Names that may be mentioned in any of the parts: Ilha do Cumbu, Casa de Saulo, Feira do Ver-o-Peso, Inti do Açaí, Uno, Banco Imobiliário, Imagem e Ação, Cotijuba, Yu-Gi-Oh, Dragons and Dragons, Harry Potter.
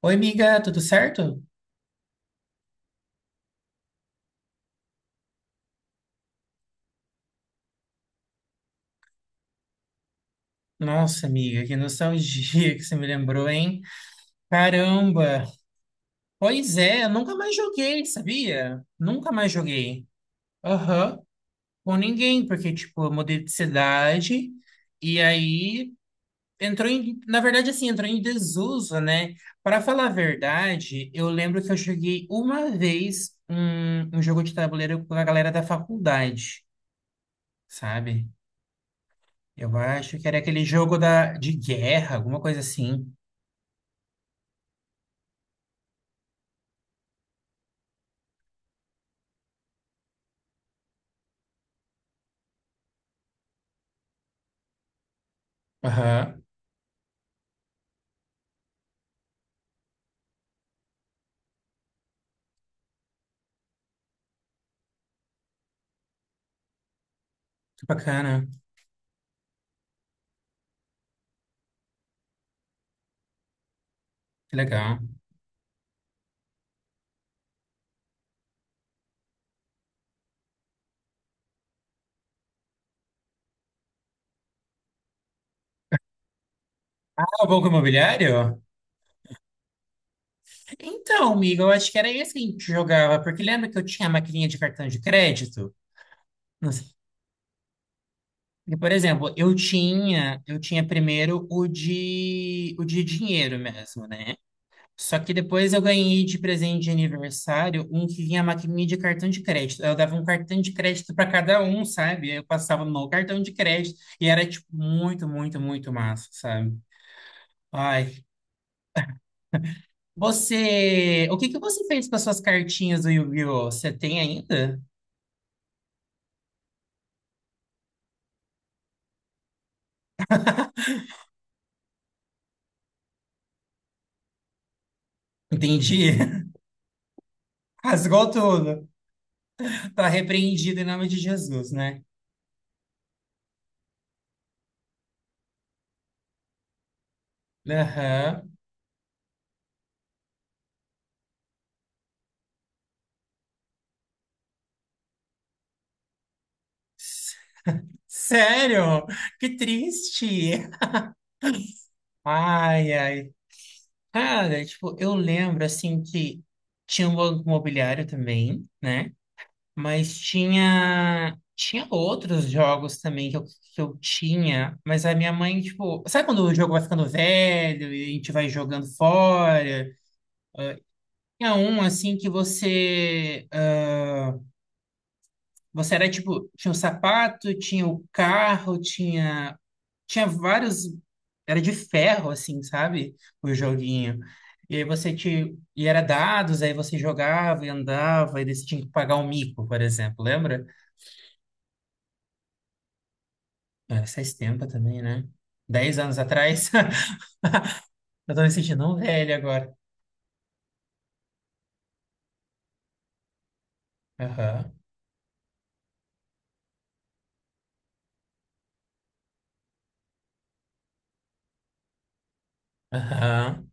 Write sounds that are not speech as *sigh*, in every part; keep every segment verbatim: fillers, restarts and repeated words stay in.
Oi, amiga, tudo certo? Nossa, amiga, que nostalgia que você me lembrou, hein? Caramba! Pois é, eu nunca mais joguei, sabia? Nunca mais joguei. Aham, com ninguém, porque, tipo, eu mudei de cidade e aí entrou em. Na verdade, assim, entrou em desuso, né? Para falar a verdade, eu lembro que eu joguei uma vez um, um jogo de tabuleiro com a galera da faculdade, sabe? Eu acho que era aquele jogo da, de guerra, alguma coisa assim. Aham, que bacana, que legal. Ah, o Banco Imobiliário? Então, amigo, eu acho que era esse que a gente jogava, porque lembra que eu tinha a maquininha de cartão de crédito? Não sei. E, por exemplo, eu tinha, eu tinha primeiro o de, o de dinheiro mesmo, né? Só que depois eu ganhei de presente de aniversário um que vinha a maquininha de cartão de crédito. Eu dava um cartão de crédito para cada um, sabe? Eu passava no cartão de crédito e era, tipo, muito, muito, muito massa, sabe? Ai, você, o que que você fez com as suas cartinhas do Yu-Gi-Oh? Você tem ainda? Entendi. *laughs* Rasgou tudo. Tá repreendido em nome de Jesus, né? Aham. S- Sério? Que triste. Ai, ai. Cara, tipo, eu lembro assim que tinha um banco imobiliário também, né? Mas tinha tinha outros jogos também que eu, que eu tinha, mas a minha mãe, tipo, sabe quando o jogo vai ficando velho e a gente vai jogando fora? Tinha um assim que você ah, você era tipo, tinha o sapato, tinha o carro, tinha tinha vários era de ferro assim, sabe? O joguinho. E aí você te e era dados, aí você jogava e andava e daí você tinha que pagar um mico, por exemplo, lembra? Ah, faz tempo também, né? Dez anos atrás. *laughs* Eu tô me sentindo um velho agora. Aham. Aham.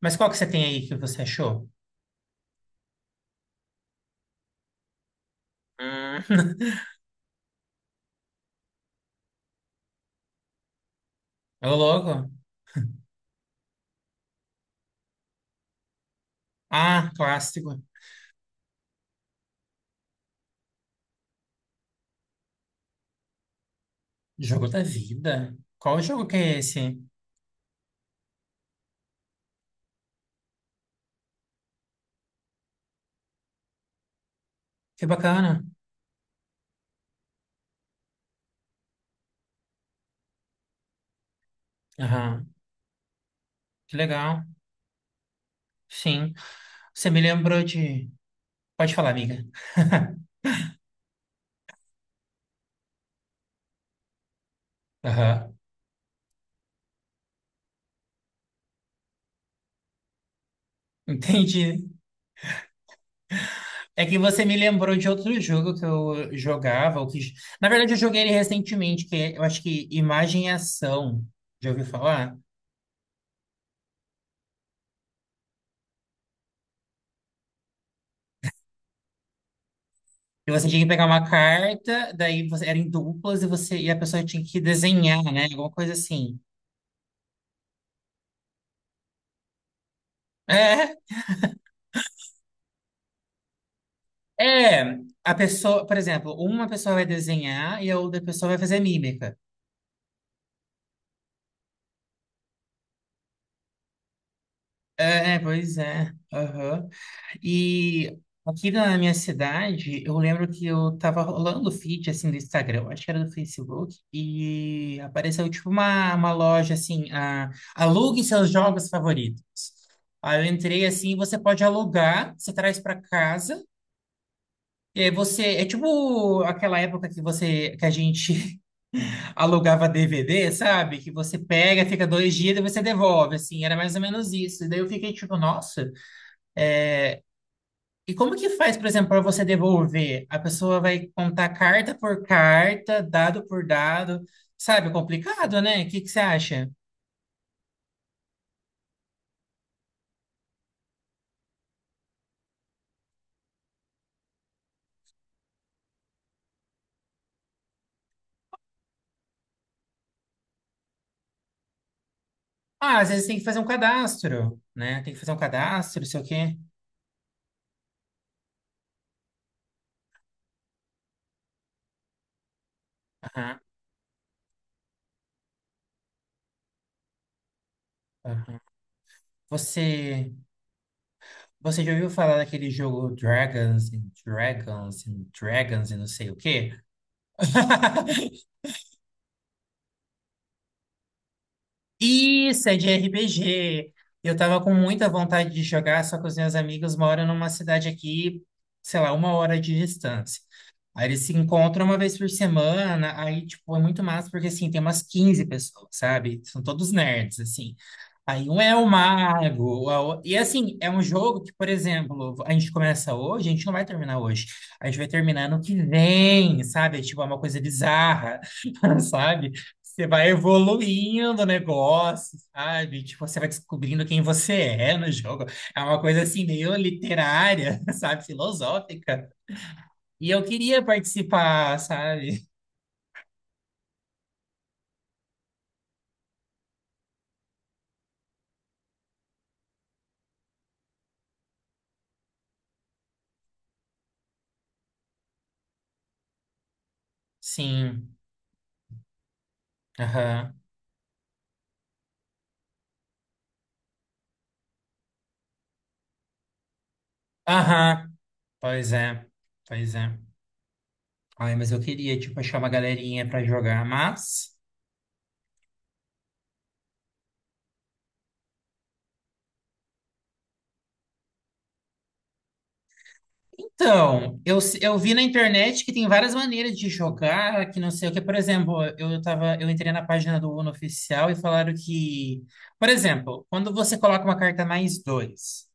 Mas qual que você tem aí que você achou? Hum. *laughs* Ô, louco. Ah, clássico. Jogo da vida. Qual jogo que é esse? Que bacana. Aham. Que legal. Sim. Você me lembrou de. Pode falar, amiga. Aham. *laughs* Entendi. É que você me lembrou de outro jogo que eu jogava, ou que... Na verdade, eu joguei ele recentemente, que é- eu acho que Imagem e Ação. Já ouviu falar? E você tinha que pegar uma carta, daí você era em duplas e você e a pessoa tinha que desenhar, né? Alguma coisa assim. É, é. A pessoa, por exemplo, uma pessoa vai desenhar e a outra pessoa vai fazer mímica. É, é, pois é. Aham. E aqui na minha cidade, eu lembro que eu tava rolando o feed, assim, do Instagram, eu acho que era do Facebook, e apareceu, tipo, uma, uma loja, assim, a, alugue seus jogos favoritos. Aí eu entrei, assim, você pode alugar, você traz para casa, e aí você... É tipo aquela época que você, que a gente *laughs* alugava D V D, sabe? Que você pega, fica dois dias, e você devolve, assim, era mais ou menos isso. E daí eu fiquei, tipo, nossa... E como que faz, por exemplo, para você devolver? A pessoa vai contar carta por carta, dado por dado, sabe? Complicado, né? O que que você acha? Ah, às vezes tem que fazer um cadastro, né? Tem que fazer um cadastro, não sei o quê. Aham, aham. Você, você já ouviu falar daquele jogo Dragons and Dragons and Dragons e não sei o quê? *laughs* Isso, é de R P G. Eu tava com muita vontade de jogar, só que os meus amigos moram numa cidade aqui, sei lá, uma hora de distância. Aí eles se encontram uma vez por semana, aí, tipo, é muito massa, porque, assim, tem umas quinze pessoas, sabe? São todos nerds, assim. Aí um é o mago. a o- E assim, é um jogo que, por exemplo, a gente começa hoje, a gente não vai terminar hoje. A gente vai terminar no que vem, sabe? É tipo, é uma coisa bizarra, *laughs* sabe? Você vai evoluindo o negócio, sabe? Tipo, você vai descobrindo quem você é no jogo. É uma coisa assim, meio literária, *laughs* sabe? Filosófica. E eu queria participar, sabe? Sim. Aham. Aham. Pois é. Pois é. Ai, mas eu queria, tipo, achar uma galerinha pra jogar, mas... Então, eu, s- eu vi na internet que tem várias maneiras de jogar, que não sei o que. Por exemplo, eu tava, eu entrei na página do Uno oficial e falaram que... Por exemplo, quando você coloca uma carta mais dois,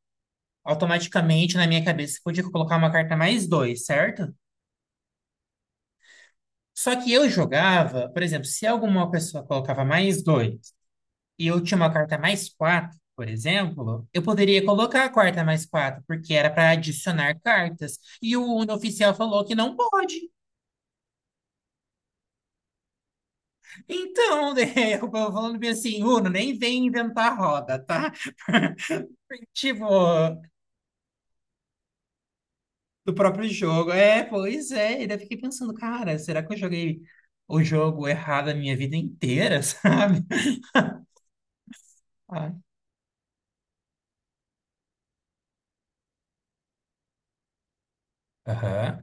automaticamente, na minha cabeça, você podia colocar uma carta mais dois, certo? Só que eu jogava, por exemplo, se alguma pessoa colocava mais dois, e eu tinha uma carta mais quatro, por exemplo, eu poderia colocar a quarta mais quatro, porque era para adicionar cartas. E o Uno oficial falou que não pode. Então, *laughs* né, eu tava falando bem assim, Uno, nem vem inventar roda, tá? *laughs* Tipo, do próprio jogo. É, pois é. E daí eu fiquei pensando, cara, será que eu joguei o jogo errado a minha vida inteira, *laughs* sabe? Ai. Aham,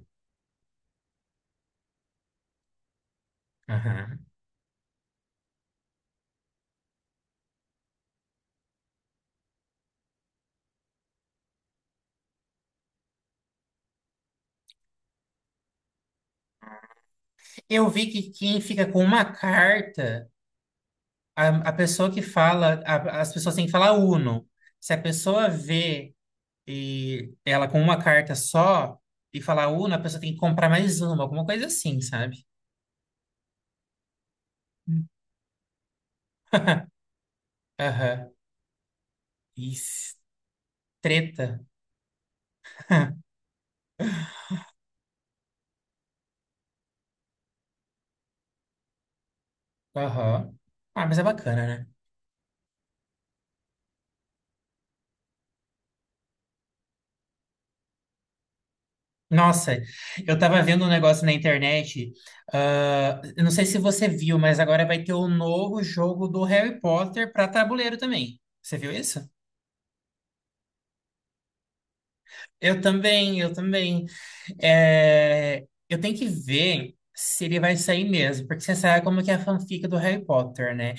aham. Eu vi que quem fica com uma carta. a, a pessoa que fala, a- as pessoas têm que falar Uno. Se a pessoa vê e ela com uma carta só e falar Uno, a pessoa tem que comprar mais uma, alguma coisa assim, sabe? Hum. Aham. Isso. Treta. *laughs* Aham. Ah, mas é bacana, né? Nossa, eu tava vendo um negócio na internet. Ah, eu não sei se você viu, mas agora vai ter o novo jogo do Harry Potter para tabuleiro também. Você viu isso? Eu também, eu também. É, eu tenho que ver se ele vai sair mesmo, porque você sabe como que é a fanfic do Harry Potter, né?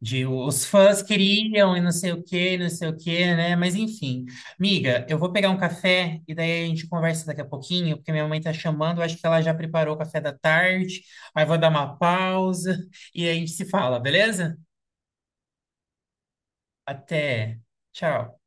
De os fãs queriam e não sei o que, não sei o que, né? Mas enfim. Miga, eu vou pegar um café e daí a gente conversa daqui a pouquinho, porque minha mãe tá chamando, eu acho que ela já preparou o café da tarde. Aí vou dar uma pausa e a gente se fala, beleza? Até. Tchau.